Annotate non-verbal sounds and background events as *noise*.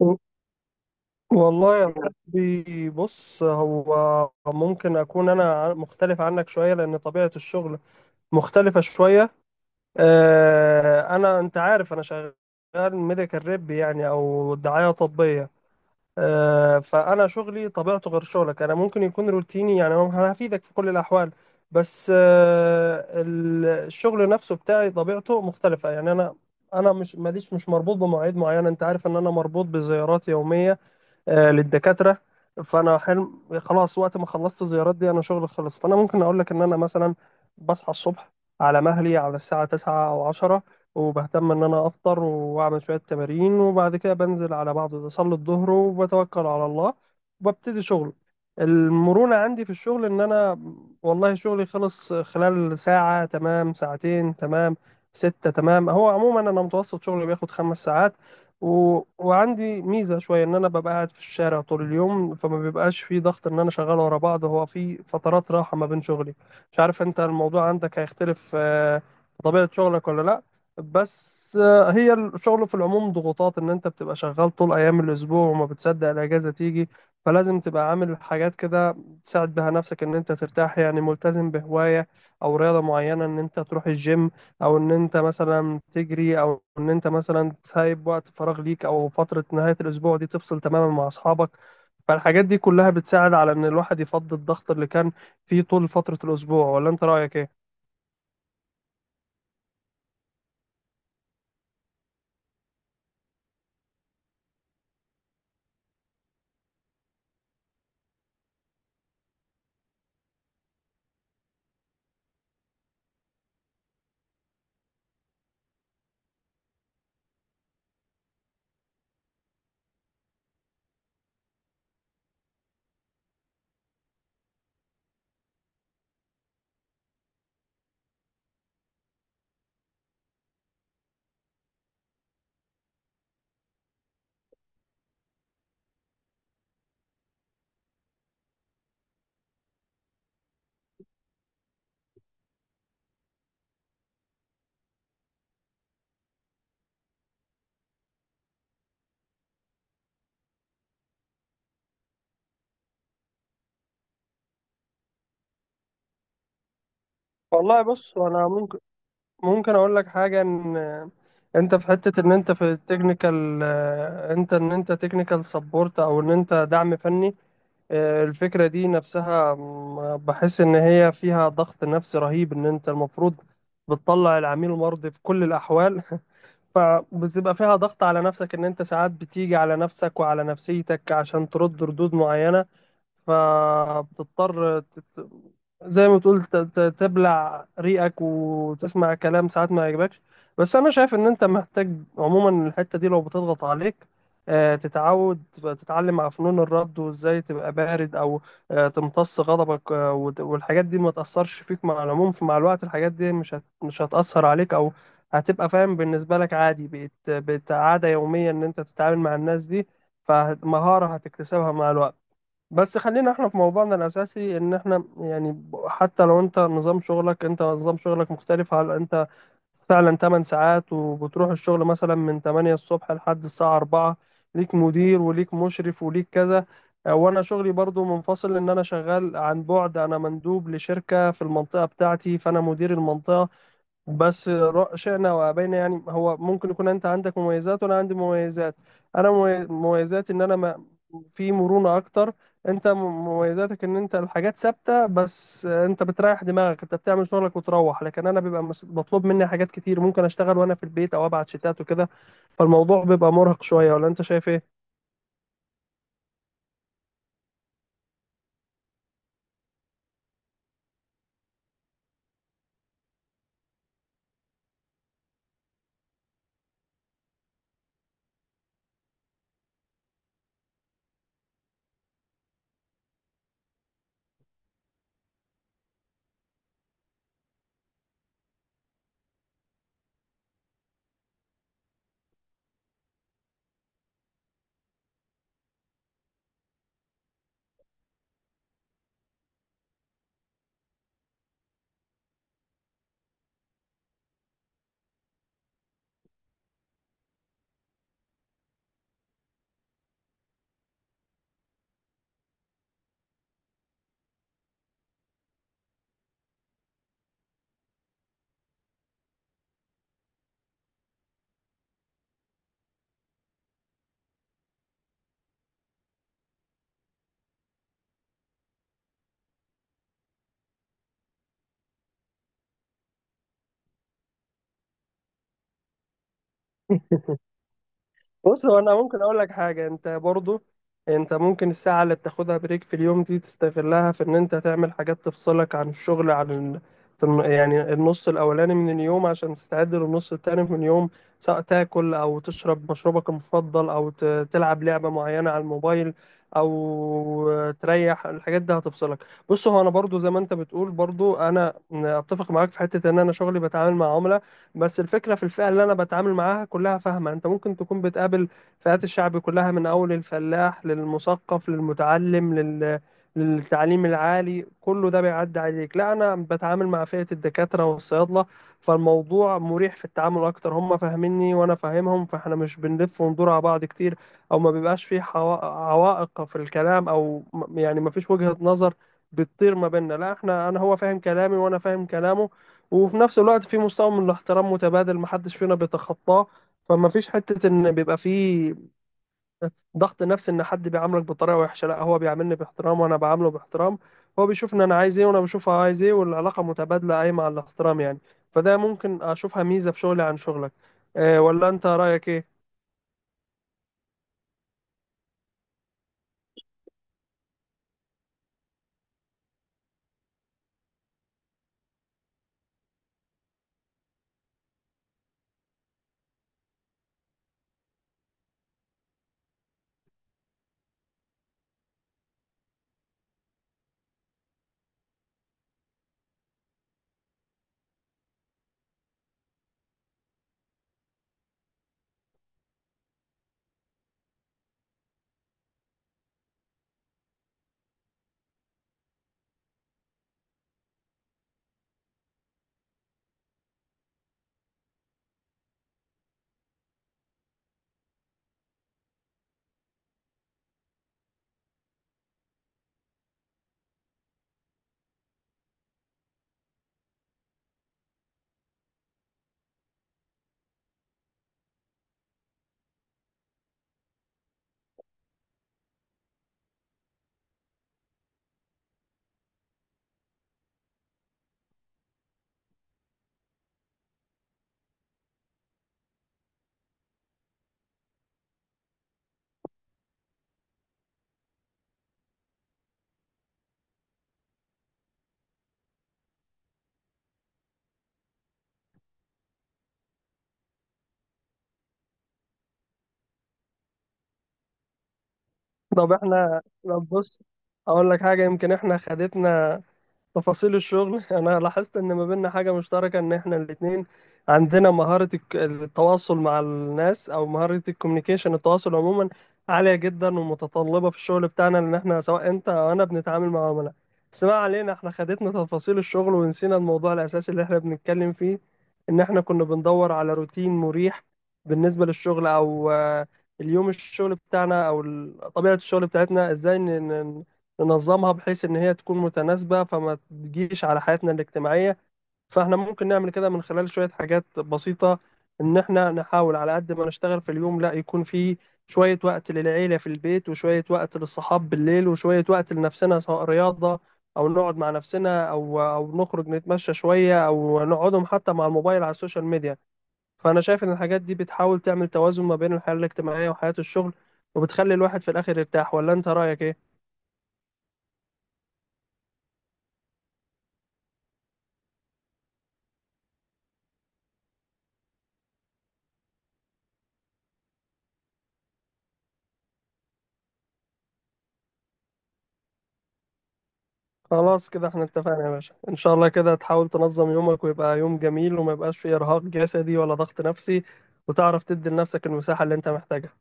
و- والله يا محبي، بص. هو ممكن أكون أنا مختلف عنك شوية لأن طبيعة الشغل مختلفة شوية. أنت عارف أنا شغال ميديكال ريب، يعني أو دعاية طبية. فأنا شغلي طبيعته غير شغلك. أنا ممكن يكون روتيني، يعني أنا هفيدك في كل الأحوال. بس الشغل نفسه بتاعي طبيعته مختلفة. يعني أنا مش ماليش مش مربوط بمواعيد معينة. أنت عارف إن أنا مربوط بزيارات يومية للدكاترة. فأنا حلم خلاص. وقت ما خلصت الزيارات دي أنا شغلي خلص. فأنا ممكن أقول لك إن أنا مثلا بصحى الصبح على مهلي، على الساعة 9 أو 10. وبهتم إن أنا أفطر وأعمل شوية تمارين، وبعد كده بنزل على بعض أصلي الظهر وبتوكل على الله وببتدي شغل. المرونة عندي في الشغل إن أنا، والله شغلي خلص خلال ساعة تمام، ساعتين تمام، ستة تمام. هو عموما أنا متوسط شغلي بياخد 5 ساعات. و... وعندي ميزة شوية إن أنا ببقى قاعد في الشارع طول اليوم، فما بيبقاش في ضغط إن أنا شغال ورا بعض. هو في فترات راحة ما بين شغلي. مش عارف أنت الموضوع عندك هيختلف في طبيعة شغلك ولا لأ. بس هي الشغل في العموم ضغوطات إن أنت بتبقى شغال طول أيام الأسبوع وما بتصدق الأجازة تيجي. فلازم تبقى عامل حاجات كده تساعد بها نفسك إن أنت ترتاح. يعني ملتزم بهواية أو رياضة معينة إن أنت تروح الجيم، او ان انت مثلا تجري، او ان انت مثلا سايب وقت فراغ ليك، او فترة نهاية الاسبوع دي تفصل تماما مع اصحابك. فالحاجات دي كلها بتساعد على ان الواحد يفضي الضغط اللي كان فيه طول فترة الاسبوع. ولا انت رأيك ايه؟ والله بص. انا ممكن اقول لك حاجه، ان انت في حته ان انت في التكنيكال. ان انت تكنيكال سبورت، او ان انت دعم فني. الفكرة دي نفسها بحس إن هي فيها ضغط نفسي رهيب إن أنت المفروض بتطلع العميل مرضي في كل الأحوال. *laughs* فبتبقى فيها ضغط على نفسك، إن أنت ساعات بتيجي على نفسك وعلى نفسيتك عشان ترد ردود معينة. فبتضطر زي ما تقول تبلع ريقك وتسمع كلام ساعات ما يعجبكش. بس انا شايف ان انت محتاج عموما الحتة دي، لو بتضغط عليك تتعود تتعلم على فنون الرد وازاي تبقى بارد، او تمتص غضبك. والحاجات دي ما تأثرش فيك مع العموم. فمع الوقت الحاجات دي مش هتأثر عليك، او هتبقى فاهم بالنسبة لك، عادي بقت عادة يومية ان انت تتعامل مع الناس دي. فمهارة هتكتسبها مع الوقت. بس خلينا احنا في موضوعنا الاساسي، ان احنا يعني حتى لو انت نظام شغلك مختلف. هل انت فعلا 8 ساعات وبتروح الشغل مثلا من 8 الصبح لحد الساعة 4؟ ليك مدير وليك مشرف وليك كذا. اه، وانا شغلي برضو منفصل، ان انا شغال عن بعد. انا مندوب لشركة في المنطقة بتاعتي، فانا مدير المنطقة. بس شئنا وابينا، يعني هو ممكن يكون انت عندك مميزات وانا عندي مميزات. انا مميزاتي ان انا ما في مرونة اكتر. انت مميزاتك ان انت الحاجات ثابتة، بس انت بتريح دماغك، انت بتعمل شغلك وتروح. لكن انا بيبقى مطلوب مني حاجات كتير، ممكن اشتغل وانا في البيت او ابعت شتات وكده. فالموضوع بيبقى مرهق شوية، ولا انت شايف ايه؟ *laughs* بص. هو انا ممكن اقول لك حاجه، انت برضو انت ممكن الساعه اللي بتاخدها بريك في اليوم دي تستغلها في ان انت تعمل حاجات تفصلك عن الشغل، يعني النص الاولاني من اليوم، عشان تستعد للنص التاني من اليوم، سواء تاكل او تشرب مشروبك المفضل او تلعب لعبه معينه على الموبايل او تريح. الحاجات دي هتفصلك. بص. هو انا برضو زي ما انت بتقول، برضو انا اتفق معاك في حته، ان انا شغلي بتعامل مع عملاء. بس الفكرة في الفئة اللي أنا بتعامل معاها كلها فاهمة. أنت ممكن تكون بتقابل فئات الشعب كلها، من أول الفلاح للمثقف للمتعلم، للتعليم العالي، كله ده بيعدي عليك. لا أنا بتعامل مع فئة الدكاترة والصيادلة، فالموضوع مريح في التعامل أكتر. هم فاهميني وأنا فاهمهم، فإحنا مش بنلف وندور على بعض كتير. أو ما بيبقاش في عوائق في الكلام، أو يعني ما فيش وجهة نظر بتطير ما بيننا. لا أنا هو فاهم كلامي وأنا فاهم كلامه. وفي نفس الوقت في مستوى من الاحترام متبادل، محدش فينا بيتخطاه. فما فيش حتة ان بيبقى في ضغط نفسي، ان حد بيعاملك بطريقة وحشة. لا هو بيعاملني باحترام وانا بعامله باحترام. هو بيشوف ان انا عايز ايه وانا بشوفه عايز ايه، والعلاقة متبادلة قايمة على الاحترام يعني. فده ممكن اشوفها ميزة في شغلي عن شغلك. إيه ولا انت رأيك ايه؟ طب بص. اقول لك حاجة، يمكن احنا خدتنا تفاصيل الشغل. *laughs* انا لاحظت ان ما بيننا حاجه مشتركه، ان احنا الاثنين عندنا مهاره التواصل مع الناس، او مهاره الكوميونيكيشن، التواصل عموما عاليه جدا ومتطلبه في الشغل بتاعنا، لان احنا سواء انت او انا بنتعامل مع عملاء. بس ما علينا. احنا خدتنا تفاصيل الشغل ونسينا الموضوع الاساسي اللي احنا بنتكلم فيه، ان احنا كنا بندور على روتين مريح بالنسبه للشغل، او اليوم الشغل بتاعنا، او طبيعه الشغل بتاعتنا ازاي ننظمها بحيث ان هي تكون متناسبة فما تجيش على حياتنا الاجتماعية. فاحنا ممكن نعمل كده من خلال شوية حاجات بسيطة، ان احنا نحاول على قد ما نشتغل في اليوم، لا يكون في شوية وقت للعيلة في البيت، وشوية وقت للصحاب بالليل، وشوية وقت لنفسنا، سواء رياضة او نقعد مع نفسنا، او نخرج نتمشى شوية، او نقعدهم حتى مع الموبايل على السوشيال ميديا. فانا شايف ان الحاجات دي بتحاول تعمل توازن ما بين الحياة الاجتماعية وحياة الشغل، وبتخلي الواحد في الاخر يرتاح. ولا انت رأيك ايه؟ خلاص كده احنا اتفقنا يا باشا. ان شاء الله كده تحاول تنظم يومك، ويبقى يوم جميل وما يبقاش فيه ارهاق جسدي ولا ضغط نفسي. وتعرف تدي لنفسك المساحة اللي انت محتاجها.